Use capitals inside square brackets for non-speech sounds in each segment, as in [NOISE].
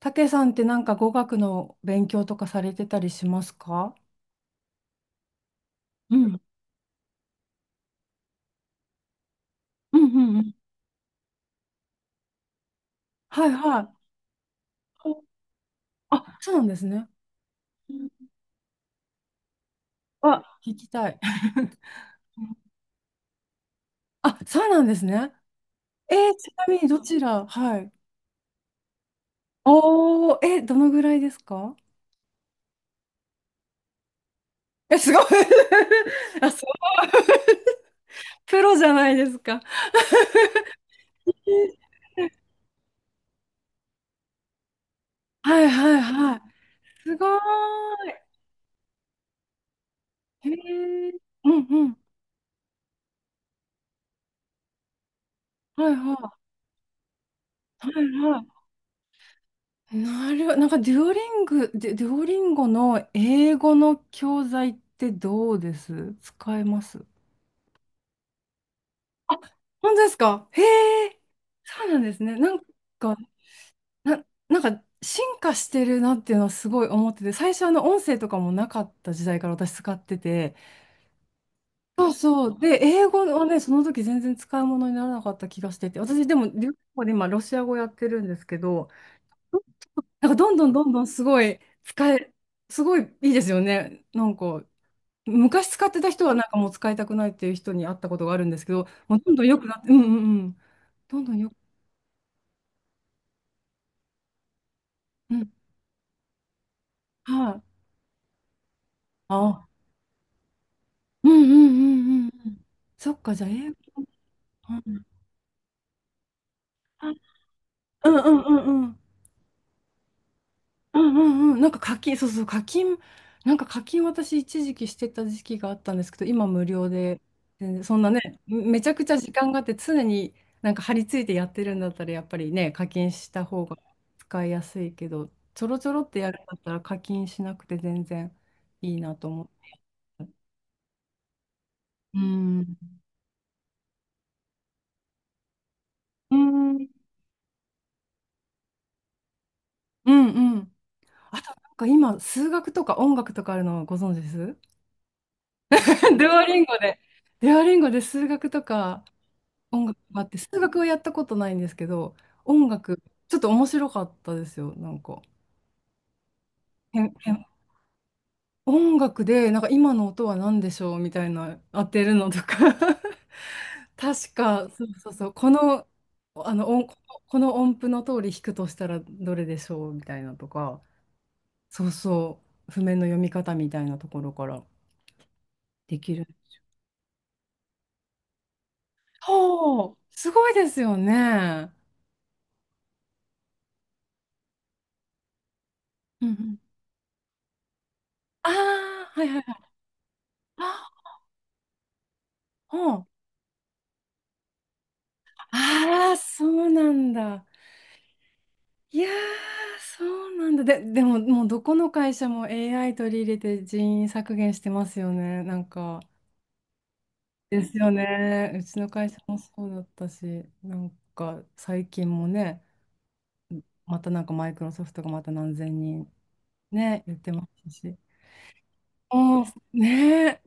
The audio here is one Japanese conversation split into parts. たけさんってなんか語学の勉強とかされてたりしますか？うん。うん、うん、うん。はいはい。あ、そうなんですね。あ、聞きたい。[LAUGHS] あ、そうなんですね。ちなみにどちら？はい。おー、え、どのぐらいですか？え、すごい。 [LAUGHS] あ、すごい。 [LAUGHS] プロじゃないですか。はいはいはい。すごーい。へえ。うんうん。はいはい。はいはい。なるほど。なんかデュオリンゴの英語の教材ってどうです？使えます？あ、本当ですか？へえ、そうなんですね。か、なんか進化してるなっていうのはすごい思ってて、最初音声とかもなかった時代から私使ってて、そうそう。で、英語はね、その時全然使い物にならなかった気がしてて、私でもデオリンで今ロシア語やってるんですけど、なんかどんどんどんどんすごい使え、すごいいいですよね。なんか昔使ってた人はなんかもう使いたくないっていう人に会ったことがあるんですけど、もうどんどん良くなって、うんうんうん。どんどんよく、うん、はい。あ、うんうんうんうんうん。そっか、じゃあ英語。うん、あ、うんうんうんうん。うんうんうん。なんか課金、そうそう、課金、なんか課金私一時期してた時期があったんですけど、今無料で、全然そんなね、めちゃくちゃ時間があって常になんか張り付いてやってるんだったらやっぱりね、課金した方が使いやすいけど、ちょろちょろってやるんだったら課金しなくて全然いいなと思って。うん。うん。うんうん。あとなんか今、数学とか音楽とかあるのご存知です？ [LAUGHS] デュオリンゴで。デュオリンゴで数学とか。音楽があって、数学はやったことないんですけど、音楽、ちょっと面白かったですよ、なんか。へんへん音楽で、なんか今の音は何でしょうみたいな当てるのとか。 [LAUGHS] 確か、そうそうそう、この、あの音、この音符の通り弾くとしたらどれでしょうみたいなとか、そうそう、譜面の読み方みたいなところからできる。おお、すごいですよね。うんうん。ああ、はいはいはい。あ、うん。ああ、そうなんだ。いやー、そうなんだ。でも、もうどこの会社も AI 取り入れて人員削減してますよね。なんか、ですよね。うちの会社もそうだったし、なんか最近もね、またなんかマイクロソフトがまた何千人ね、言ってますし。うん、ねえ。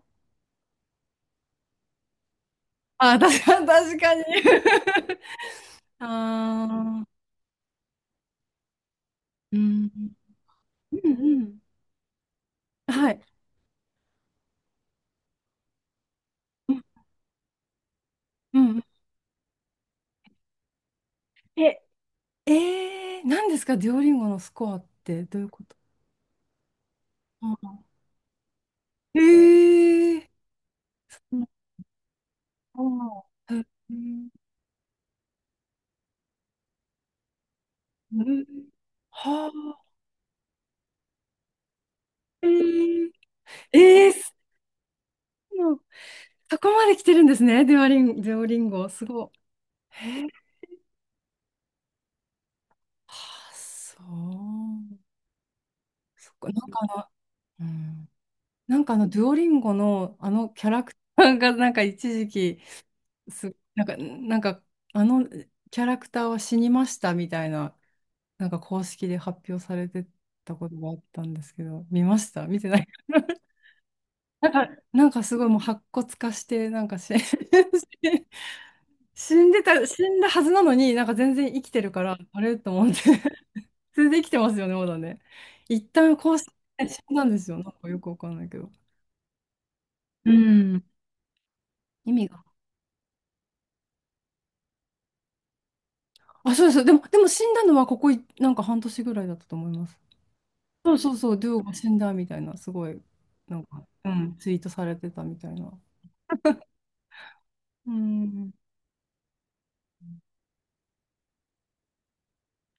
あ、確か確かに。[LAUGHS] ああ、うん、うん、うん。はい。うん、うん。え、何ですか、デュオリンゴのスコアってどういうこと？あ、えー、あ、えー、えー、はあ、えー、えー、そう、そこまで来てるんですね、デュオリンゴ、すごい。えー、はあ、そう。そっか、なんかうん、なんかデュオリンゴのキャラクターが、なんか一時期、す、なんか、なんか、あのキャラクターは死にましたみたいな。なんか公式で発表されてたことがあったんですけど、見ました？見てない？ [LAUGHS] なんかすごいもう白骨化して、なんかし。 [LAUGHS] 死んだはずなのに、なんか全然生きてるから、あれと思って。 [LAUGHS] 全然生きてますよね、まだね。一旦公式で死んだんですよ。なんかよくわかんないけど。うん。意味が。あ、そうです。でも死んだのはここい、なんか半年ぐらいだったと思います。そうそうそう、デュオが死んだみたいな、すごい、なんか、うん、ツイートされてたみたいな。うん。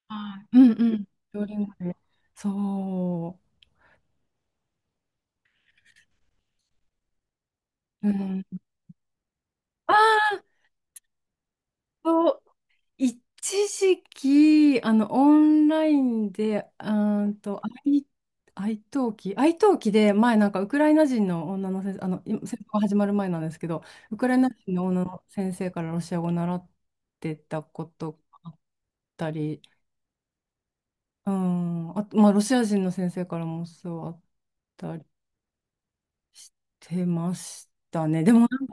はい。うんうん。料理前ね。そう。うん。そう一時期、オンラインで、愛登記で、前、なんか、ウクライナ人の女の先生、今戦争が始まる前なんですけど、ウクライナ人の女の先生からロシア語を習ってたことがあったり、うん、あと、まあ、ロシア人の先生からも教わったりしてました。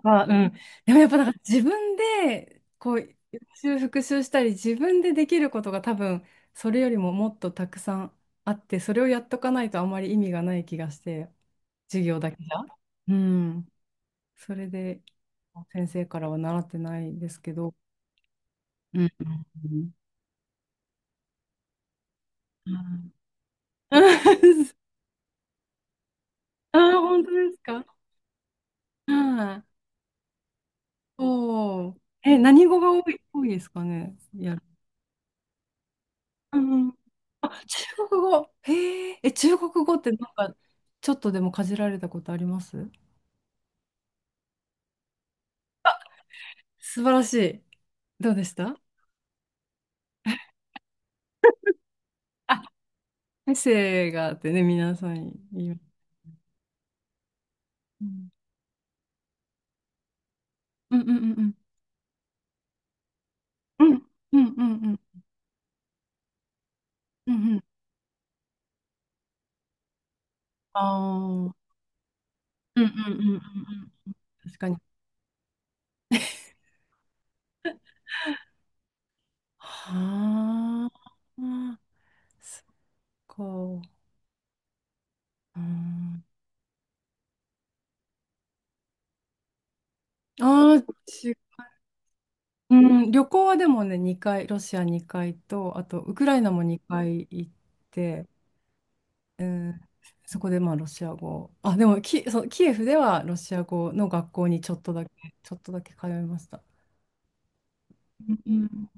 あ、うん。でもやっぱなんか自分でこう予習復習したり自分でできることが多分それよりももっとたくさんあって、それをやっとかないとあまり意味がない気がして、授業だけじゃ。うん。それで先生からは習ってないですけど。うん。[LAUGHS] うん。[LAUGHS] ああ、本当ですか？はい。おお。え、何語が多い、多いですかね？うんうん、あ、中国語。へえ、え、中国語ってなんか、ちょっとでもかじられたことあります？素晴らしい。どうでした？あ、エッセイがあってね、皆さん言います。うんうんうんうんうんうんうんうんうんうんうん、ああ、うんうんうんうんうん、確かに。はあ、そっか。うん、ああ、ち、うん、旅行はでもね、2回、ロシア2回と、あとウクライナも2回行って、えーそこでまあロシア語、あ、でもキ、そうキエフではロシア語の学校にちょっとだけ、ちょっとだけ通いました。うん。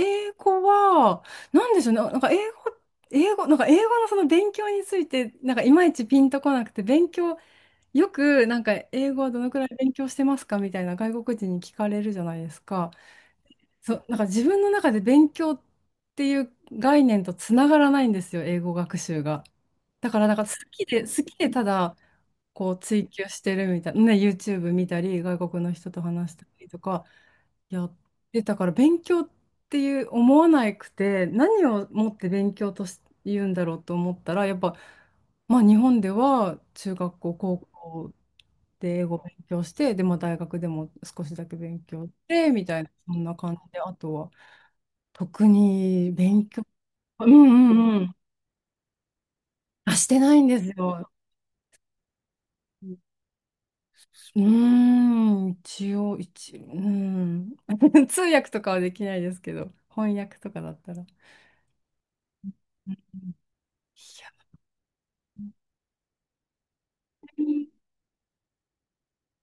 英語は、なんでしょうね、なんか英語、英語、なんか英語のその勉強について、なんかいまいちピンとこなくて、勉強、よくなんか英語はどのくらい勉強してますかみたいな外国人に聞かれるじゃないですか。そう、なんか自分の中で勉強っていう概念とつながらないんですよ、英語学習が。だからなんか好きでただ、こう追求してるみたいな、ね、YouTube 見たり、外国の人と話したりとかやってたから、勉強っていう思わなくて、何をもって勉強とし言うんだろうと思ったら、やっぱ、まあ、日本では中学校、高校で英語勉強して、で、まあ、大学でも少しだけ勉強して、みたいな、そんな感じで、あとは、特に勉強、うんうんうん、あ、してないんですよ。うーん、一応、うーん。[LAUGHS] 通訳とかはできないですけど、翻訳とかだったら。うん。い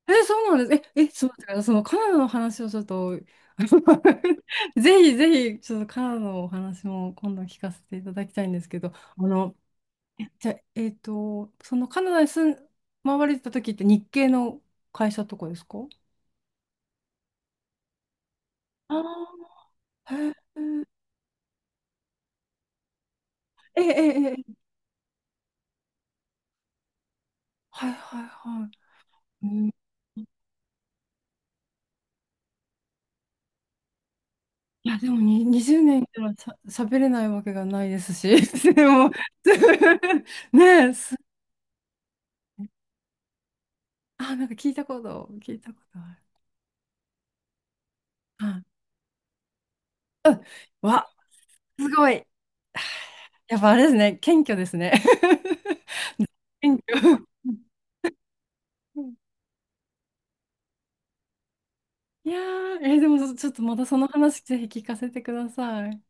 や、え、そうなんです。そうだから、そのカナダの話をちょっと、[LAUGHS] ぜひぜひ、ちょっとカナダのお話も今度聞かせていただきたいんですけど、じゃあ、えっと、そのカナダに住ん、回られてた時って日系の会社とかですか？ああー、へえ、ええ、ええ。はいはいはい。いや、でもに20年いたらさ、喋れないわけがないですし、[LAUGHS] でも、[LAUGHS] ねえ、す、あ、なんか聞いたこと、聞いたことある。あ、うん、わ、すごい。[SIGHS] やっぱあれですね、謙虚ですね。[LAUGHS] 謙虚。いやー、でもちょっとまたその話ぜひ聞かせてください。